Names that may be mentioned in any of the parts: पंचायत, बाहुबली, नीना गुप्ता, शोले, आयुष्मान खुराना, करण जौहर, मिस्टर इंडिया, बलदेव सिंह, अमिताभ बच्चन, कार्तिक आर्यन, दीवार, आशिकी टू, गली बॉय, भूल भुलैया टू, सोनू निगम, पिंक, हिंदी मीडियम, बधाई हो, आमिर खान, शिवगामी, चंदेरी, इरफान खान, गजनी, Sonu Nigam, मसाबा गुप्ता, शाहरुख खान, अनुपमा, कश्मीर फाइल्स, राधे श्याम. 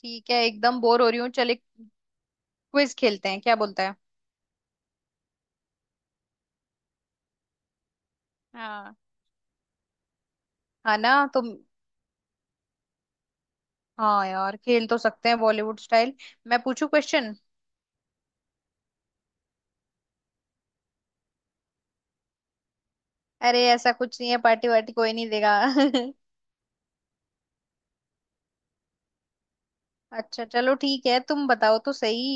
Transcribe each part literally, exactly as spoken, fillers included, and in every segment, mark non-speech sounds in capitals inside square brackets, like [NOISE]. ठीक है। एकदम बोर हो रही हूँ, चल एक क्विज खेलते हैं, क्या बोलता है? हाँ। है ना तुम। हाँ यार, खेल तो सकते हैं बॉलीवुड स्टाइल। मैं पूछू क्वेश्चन। अरे ऐसा कुछ नहीं है, पार्टी वार्टी कोई नहीं देगा। [LAUGHS] अच्छा चलो ठीक है, तुम बताओ तो सही।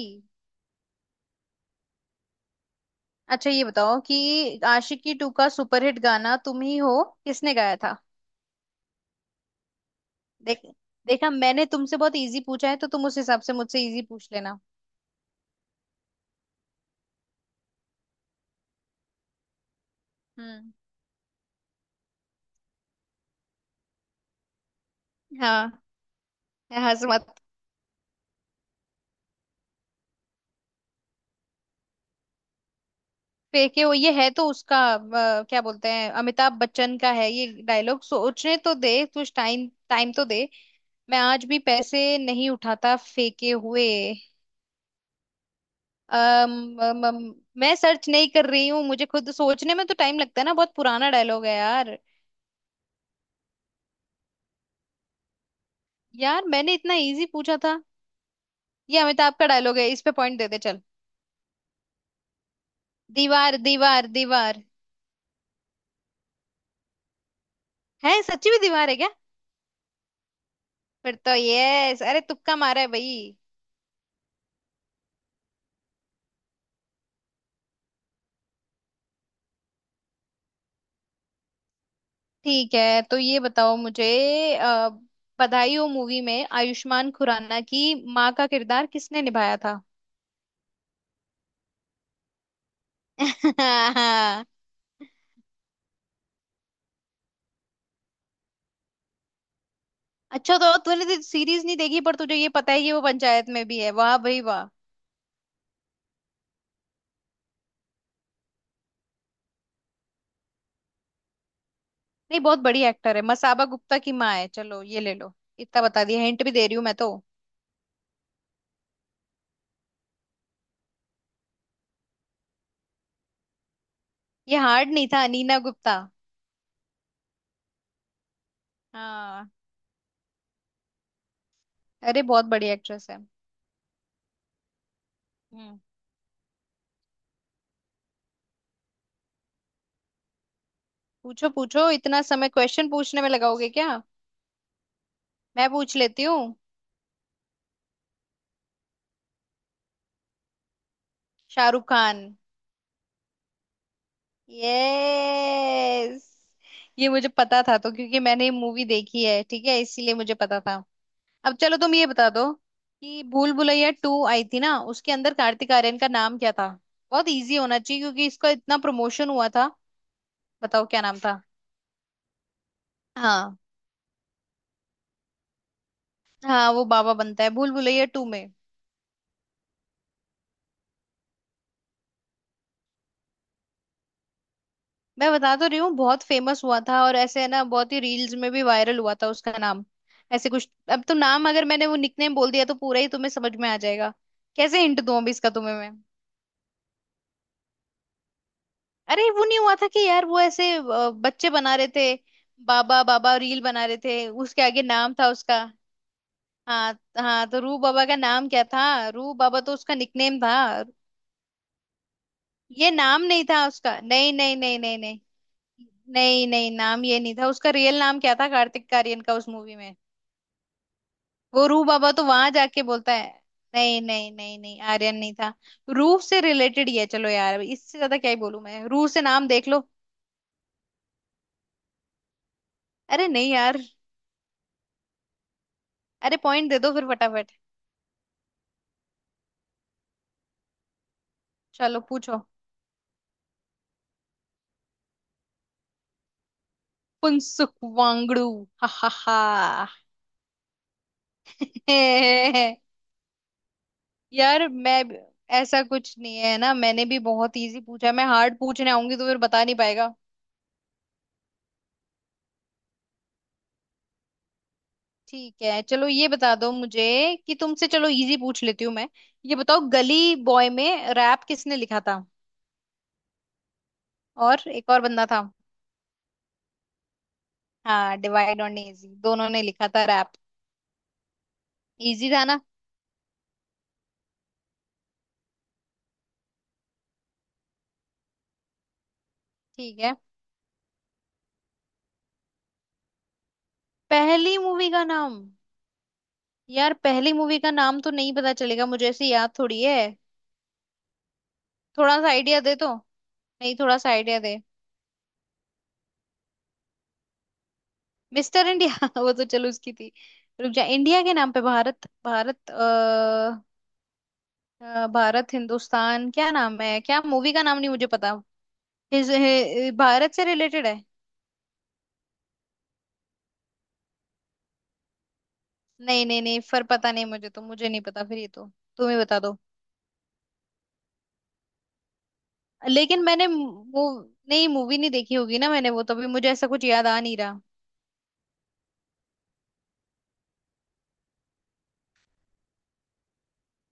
अच्छा ये बताओ कि आशिकी टू का सुपरहिट गाना तुम ही हो किसने गाया था? देख। देखा, मैंने तुमसे बहुत इजी पूछा है तो तुम उस हिसाब से मुझसे इजी पूछ लेना। हम्म। हाँ। हंस मत। फेंके हो ये है तो उसका, अ, क्या बोलते हैं, अमिताभ बच्चन का है ये डायलॉग। सोचने तो दे कुछ टाइम, टाइम तो दे। मैं आज भी पैसे नहीं उठाता फेंके हुए। अम, अम, अम, मैं सर्च नहीं कर रही हूँ, मुझे खुद सोचने में तो टाइम लगता है ना, बहुत पुराना डायलॉग है यार। यार मैंने इतना इजी पूछा था। ये अमिताभ का डायलॉग है, इस पे पॉइंट दे दे चल। दीवार, दीवार, दीवार। है? सच्ची में दीवार है क्या? फिर तो यस! अरे तुक्का मारा है भाई। ठीक है, तो ये बताओ मुझे। अ, बधाई हो मूवी में आयुष्मान खुराना की माँ का किरदार किसने निभाया था? [LAUGHS] अच्छा तो तूने तो सीरीज नहीं देखी पर तुझे ये पता है कि वो पंचायत में भी है, वाह भाई वाह। नहीं बहुत बड़ी एक्टर है, मसाबा गुप्ता की माँ है, चलो ये ले लो। इतना बता दिया, हिंट भी दे रही हूँ मैं तो। ये हार्ड नहीं था। नीना गुप्ता। हाँ। अरे बहुत बड़ी एक्ट्रेस है। हम्म। पूछो पूछो, इतना समय क्वेश्चन पूछने में लगाओगे क्या? मैं पूछ लेती हूँ। शाहरुख खान। यस। ये मुझे पता था तो, क्योंकि मैंने ये मूवी देखी है, ठीक है, इसीलिए मुझे पता था। अब चलो तुम ये बता दो कि भूल भुलैया टू आई थी ना, उसके अंदर कार्तिक आर्यन का नाम क्या था? बहुत इजी होना चाहिए क्योंकि इसका इतना प्रमोशन हुआ था। बताओ क्या नाम था? हाँ, हाँ वो बाबा बनता है भूल भुलैया टू में। मैं बता तो रही हूँ, बहुत फेमस हुआ था और ऐसे है ना, बहुत ही रील्स में भी वायरल हुआ था उसका नाम। ऐसे कुछ, अब तो नाम, अगर मैंने वो निकनेम बोल दिया तो पूरा ही तुम्हें समझ में आ जाएगा। कैसे हिंट दूं अभी इसका तुम्हें मैं? अरे वो नहीं हुआ था कि यार वो ऐसे अ, बच्चे बना रहे थे, बाबा बाबा रील बना रहे थे, उसके आगे नाम था उसका। हाँ, हाँ तो रू बाबा का नाम क्या था? रू बाबा तो उसका निकनेम था। ये नाम नहीं था उसका। नहीं, नहीं, नहीं, नहीं, नहीं, नहीं, नहीं, नाम ये नहीं था उसका। रियल नाम क्या था कार्तिक आर्यन का उस मूवी में? वो रू बाबा तो वहां जाके बोलता है। नहीं, नहीं, नहीं, नहीं, आर्यन नहीं था। रूह से रिलेटेड ही है, चलो यार अब इससे ज्यादा क्या ही बोलूं मैं, रूह से नाम देख लो। अरे नहीं यार। अरे पॉइंट दे दो फिर फटाफट। चलो पूछो। पुंसुक वांगड़ू। हा हा हा। [LAUGHS] यार मैं भी- ऐसा कुछ नहीं है ना, मैंने भी बहुत इजी पूछा। मैं हार्ड पूछने आऊंगी तो फिर बता नहीं पाएगा। ठीक है चलो, ये बता दो मुझे कि तुमसे, चलो इजी पूछ लेती हूँ मैं। ये बताओ गली बॉय में रैप किसने लिखा था? और एक और बंदा था। हाँ डिवाइड और इजी दोनों ने लिखा था रैप। इजी था ना। ठीक है। पहली मूवी का नाम। यार पहली मूवी का नाम तो नहीं पता चलेगा मुझे, ऐसे याद थोड़ी है। थोड़ा सा आइडिया दे तो। नहीं थोड़ा सा आइडिया दे। मिस्टर इंडिया? [LAUGHS] वो तो चलो उसकी थी। रुक जा, इंडिया के नाम पे, भारत भारत, अ, अ, भारत हिंदुस्तान क्या नाम है, क्या मूवी का नाम नहीं मुझे पता। हिज, हि- भारत से रिलेटेड है। नहीं, नहीं, नहीं, फिर पता नहीं मुझे तो, मुझे नहीं पता फिर ये तो, तुम ही बता दो। लेकिन मैंने वो, नहीं मूवी नहीं देखी होगी ना मैंने वो, तभी मुझे ऐसा कुछ याद आ नहीं रहा।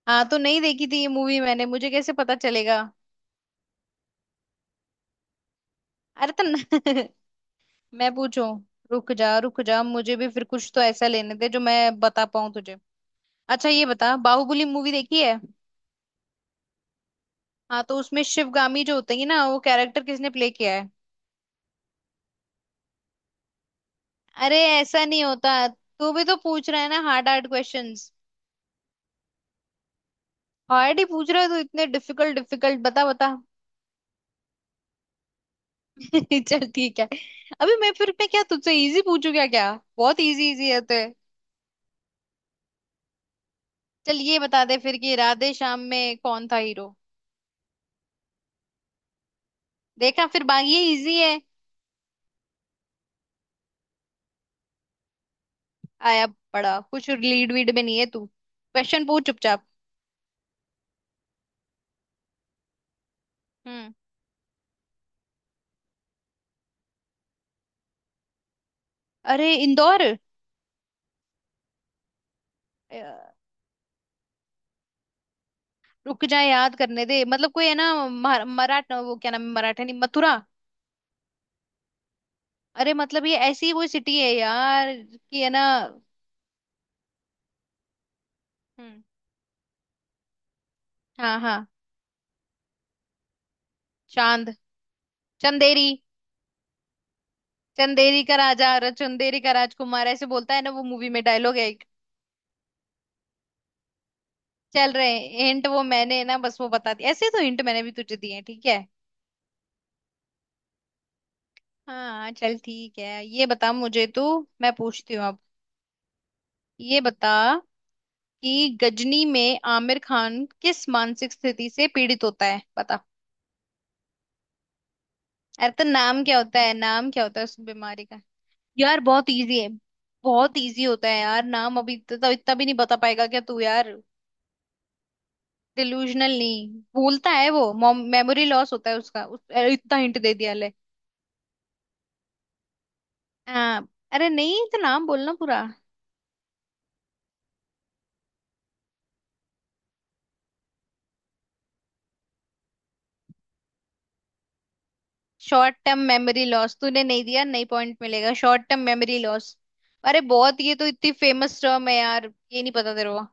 हाँ तो नहीं देखी थी ये मूवी मैंने, मुझे कैसे पता चलेगा? अरे तो न- [LAUGHS] मैं पूछूं। रुक जा, रुक जा, मुझे भी फिर कुछ तो ऐसा लेने दे जो मैं बता पाऊं तुझे। अच्छा ये बता, बाहुबली मूवी देखी है? हाँ तो उसमें शिवगामी जो होते हैं ना, वो कैरेक्टर किसने प्ले किया है? अरे ऐसा नहीं होता, तू भी तो पूछ रहा है ना हार्ड हार्ड क्वेश्चंस। हार्ड ही पूछ रहा है तू, इतने डिफिकल्ट डिफिकल्ट, बता बता। [LAUGHS] चल ठीक है। अभी मैं फिर मैं क्या तुझसे इजी पूछू क्या क्या। बहुत इजी इजी है तो। चल ये बता दे फिर कि राधे श्याम में कौन था हीरो? देखा, फिर बाकी ये इजी है। आया। पड़ा कुछ लीड वीड में नहीं है तू, क्वेश्चन पूछ चुपचाप। हम्म। अरे इंदौर। अ, रुक जा, याद करने दे, मतलब कोई है ना, मरा- मराठ वो क्या नाम है, मराठा नहीं, मथुरा। अरे मतलब ये ऐसी कोई सिटी है यार कि, है ना। हम्म। हाँ हाँ, चांद। चंदेरी। चंदेरी का राजा और चंदेरी का राजकुमार ऐसे बोलता है ना वो मूवी में, डायलॉग है एक। चल रहे हैं हिंट, वो मैंने ना बस वो बता दी, ऐसे तो हिंट मैंने भी तुझे दिए हैं ठीक है। हाँ चल ठीक है, ये बता मुझे तू। मैं पूछती हूँ अब। ये बता कि गजनी में आमिर खान किस मानसिक स्थिति से पीड़ित होता है, बता। अरे तो नाम क्या होता है, नाम क्या होता है उस बीमारी का? यार बहुत इजी है। बहुत इजी होता है यार नाम, अभी तो, तो इतना भी नहीं बता पाएगा क्या तू यार? डिलूजनल नहीं। भूलता है वो। मेमोरी लॉस होता है उसका उस, अरे इतना हिंट दे दिया ले। हाँ। अरे नहीं तो नाम बोलना पूरा। शॉर्ट टर्म मेमोरी लॉस तूने नहीं दिया, नई पॉइंट मिलेगा, शॉर्ट टर्म मेमोरी लॉस। अरे बहुत, ये तो इतनी फेमस टर्म है यार, ये नहीं पता तेरे को?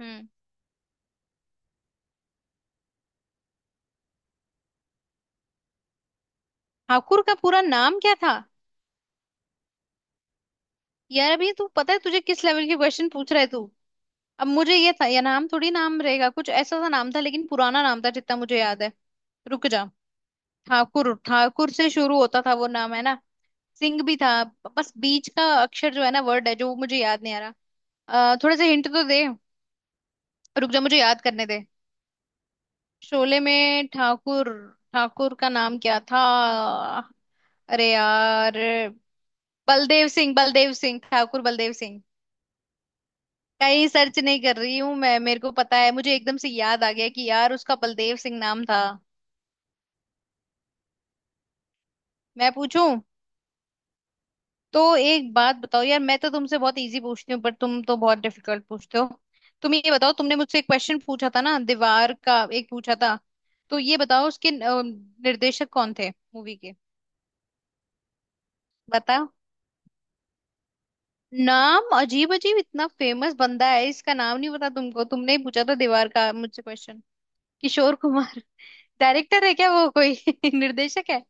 हम्म। ठाकुर का पूरा नाम क्या था? यार अभी तू, पता है तुझे किस लेवल के क्वेश्चन पूछ रहा है तू? अब मुझे ये था या नाम, थोड़ी नाम रहेगा, कुछ ऐसा सा नाम था लेकिन पुराना नाम था जितना मुझे याद है। रुक जा। ठाकुर, ठाकुर से शुरू होता था वो नाम है ना। सिंह भी था। बस बीच का अक्षर जो है ना, वर्ड है जो, वो मुझे याद नहीं आ रहा। अ, थोड़ा सा हिंट तो दे। रुक जा, मुझे याद करने दे। शोले में ठाकुर। ठाकुर का नाम क्या था? अरे यार। बलदेव सिंह, बलदेव सिंह ठाकुर, बलदेव सिंह। कहीं सर्च नहीं कर रही हूँ मैं, मेरे को पता है, मुझे एकदम से याद आ गया कि यार उसका बलदेव सिंह नाम था। मैं पूछूं। तो एक बात बताओ यार, मैं तो तुमसे बहुत इजी पूछती हूँ पर तुम तो बहुत डिफिकल्ट पूछते हो। तुम ये बताओ, तुमने मुझसे एक क्वेश्चन पूछा था ना, दीवार का एक पूछा था। तो ये बताओ उसके अ, निर्देशक कौन थे, मूवी के। बताओ। नाम अजीब अजीब? इतना फेमस बंदा है, इसका नाम नहीं पता तुमको? तुमने ही पूछा था दीवार का मुझसे क्वेश्चन। किशोर कुमार? [LAUGHS] डायरेक्टर है क्या वो कोई [LAUGHS] निर्देशक है?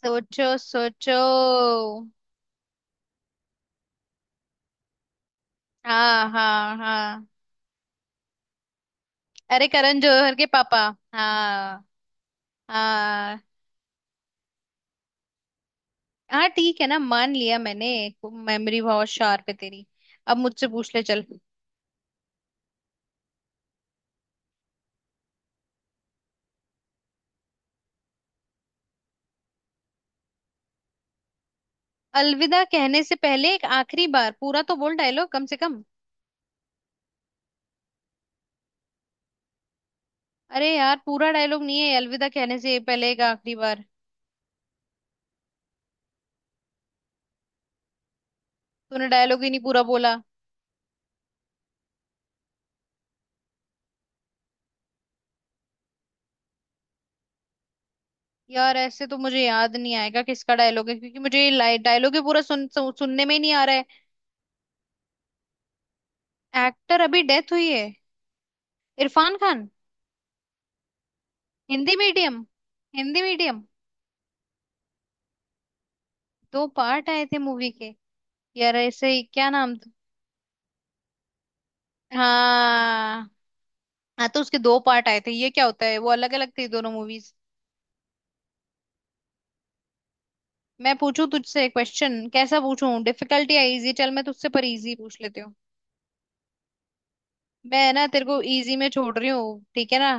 सोचो सोचो। हाँ, हाँ, हाँ। अरे करण जौहर के पापा। हाँ हाँ। हाँ। ठीक है ना, मान लिया मैंने। मेमोरी बहुत शार्प है तेरी। अब मुझसे पूछ ले चल। अलविदा कहने से पहले एक आखिरी बार? पूरा तो बोल डायलॉग कम से कम। अरे यार पूरा डायलॉग नहीं है, अलविदा कहने से पहले एक आखिरी बार। तूने डायलॉग ही नहीं पूरा बोला। यार ऐसे तो मुझे याद नहीं आएगा किसका डायलॉग है, क्योंकि मुझे ये डायलॉग ही पूरा सुन, सु, सुनने में ही नहीं आ रहा। है एक्टर अभी डेथ हुई है? इरफान खान। हिंदी मीडियम। हिंदी मीडियम। दो पार्ट आए थे मूवी के? यार ऐसे ही क्या नाम। हाँ। हाँ तो उसके दो पार्ट आए थे, ये क्या होता है, वो अलग अलग थी दोनों मूवीज। मैं पूछूं तुझसे क्वेश्चन, कैसा पूछूं, डिफिकल्ट या इजी? चल मैं तुझसे पर इजी पूछ लेती हूँ। मैं ना तेरे को इजी में छोड़ रही हूँ ठीक है ना।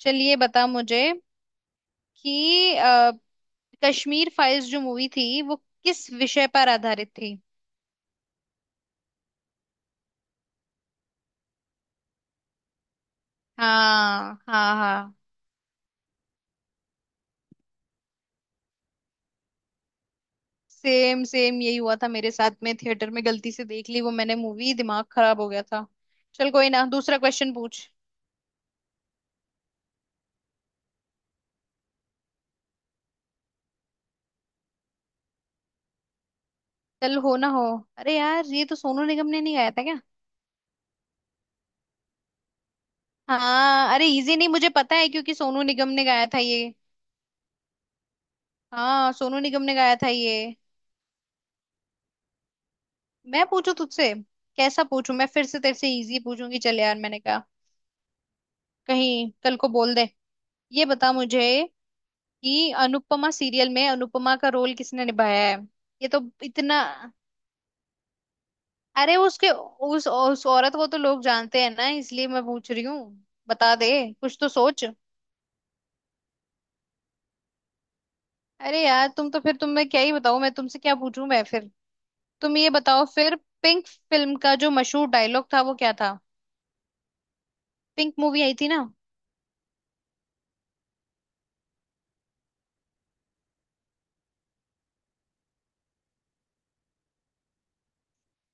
चलिए बता मुझे कि अ, कश्मीर फाइल्स जो मूवी थी वो किस विषय पर आधारित थी। हाँ, हाँ, हाँ। सेम सेम यही हुआ था मेरे साथ में, थिएटर में गलती से देख ली वो मैंने मूवी, दिमाग खराब हो गया था। चल कोई ना, दूसरा क्वेश्चन पूछ। चल हो ना हो। अरे यार ये तो सोनू निगम ने नहीं गाया था क्या? हाँ अरे इजी नहीं, मुझे पता है क्योंकि सोनू निगम ने गाया था ये। हाँ सोनू निगम ने गाया था ये। मैं पूछू तुझसे, कैसा पूछू, मैं फिर से तेरे से इजी पूछूंगी चल, यार मैंने कहा कहीं कल को बोल दे। ये बता मुझे कि अनुपमा सीरियल में अनुपमा का रोल किसने निभाया है? ये तो इतना। अरे उसके उस उस औरत को तो लोग जानते हैं ना, इसलिए मैं पूछ रही हूँ। बता दे, कुछ तो सोच। अरे यार तुम तो, फिर तुम, मैं क्या ही बताऊं, मैं तुमसे क्या पूछूं मैं फिर। तुम ये बताओ फिर, पिंक फिल्म का जो मशहूर डायलॉग था वो क्या था? पिंक मूवी आई थी ना।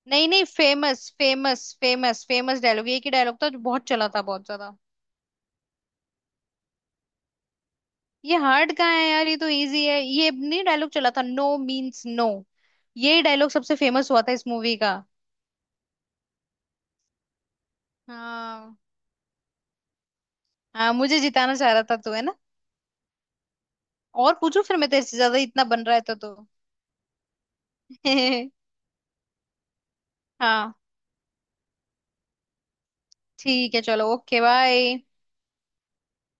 नहीं नहीं, famous famous famous famous dialogue, ये की डायलॉग था जो बहुत चला था बहुत ज्यादा। ये हार्ड कहाँ है यार, ये तो इजी है, ये नहीं डायलॉग चला था, नो मीन्स नो। ये डायलॉग सबसे फेमस हुआ था इस मूवी का। हाँ। हाँ, मुझे जिताना चाह रहा था तू, है ना? और पूछू फिर मैं तेरे से, ज्यादा इतना बन रहा है तो, तो। [LAUGHS] हाँ। ठीक है चलो ओके बाय।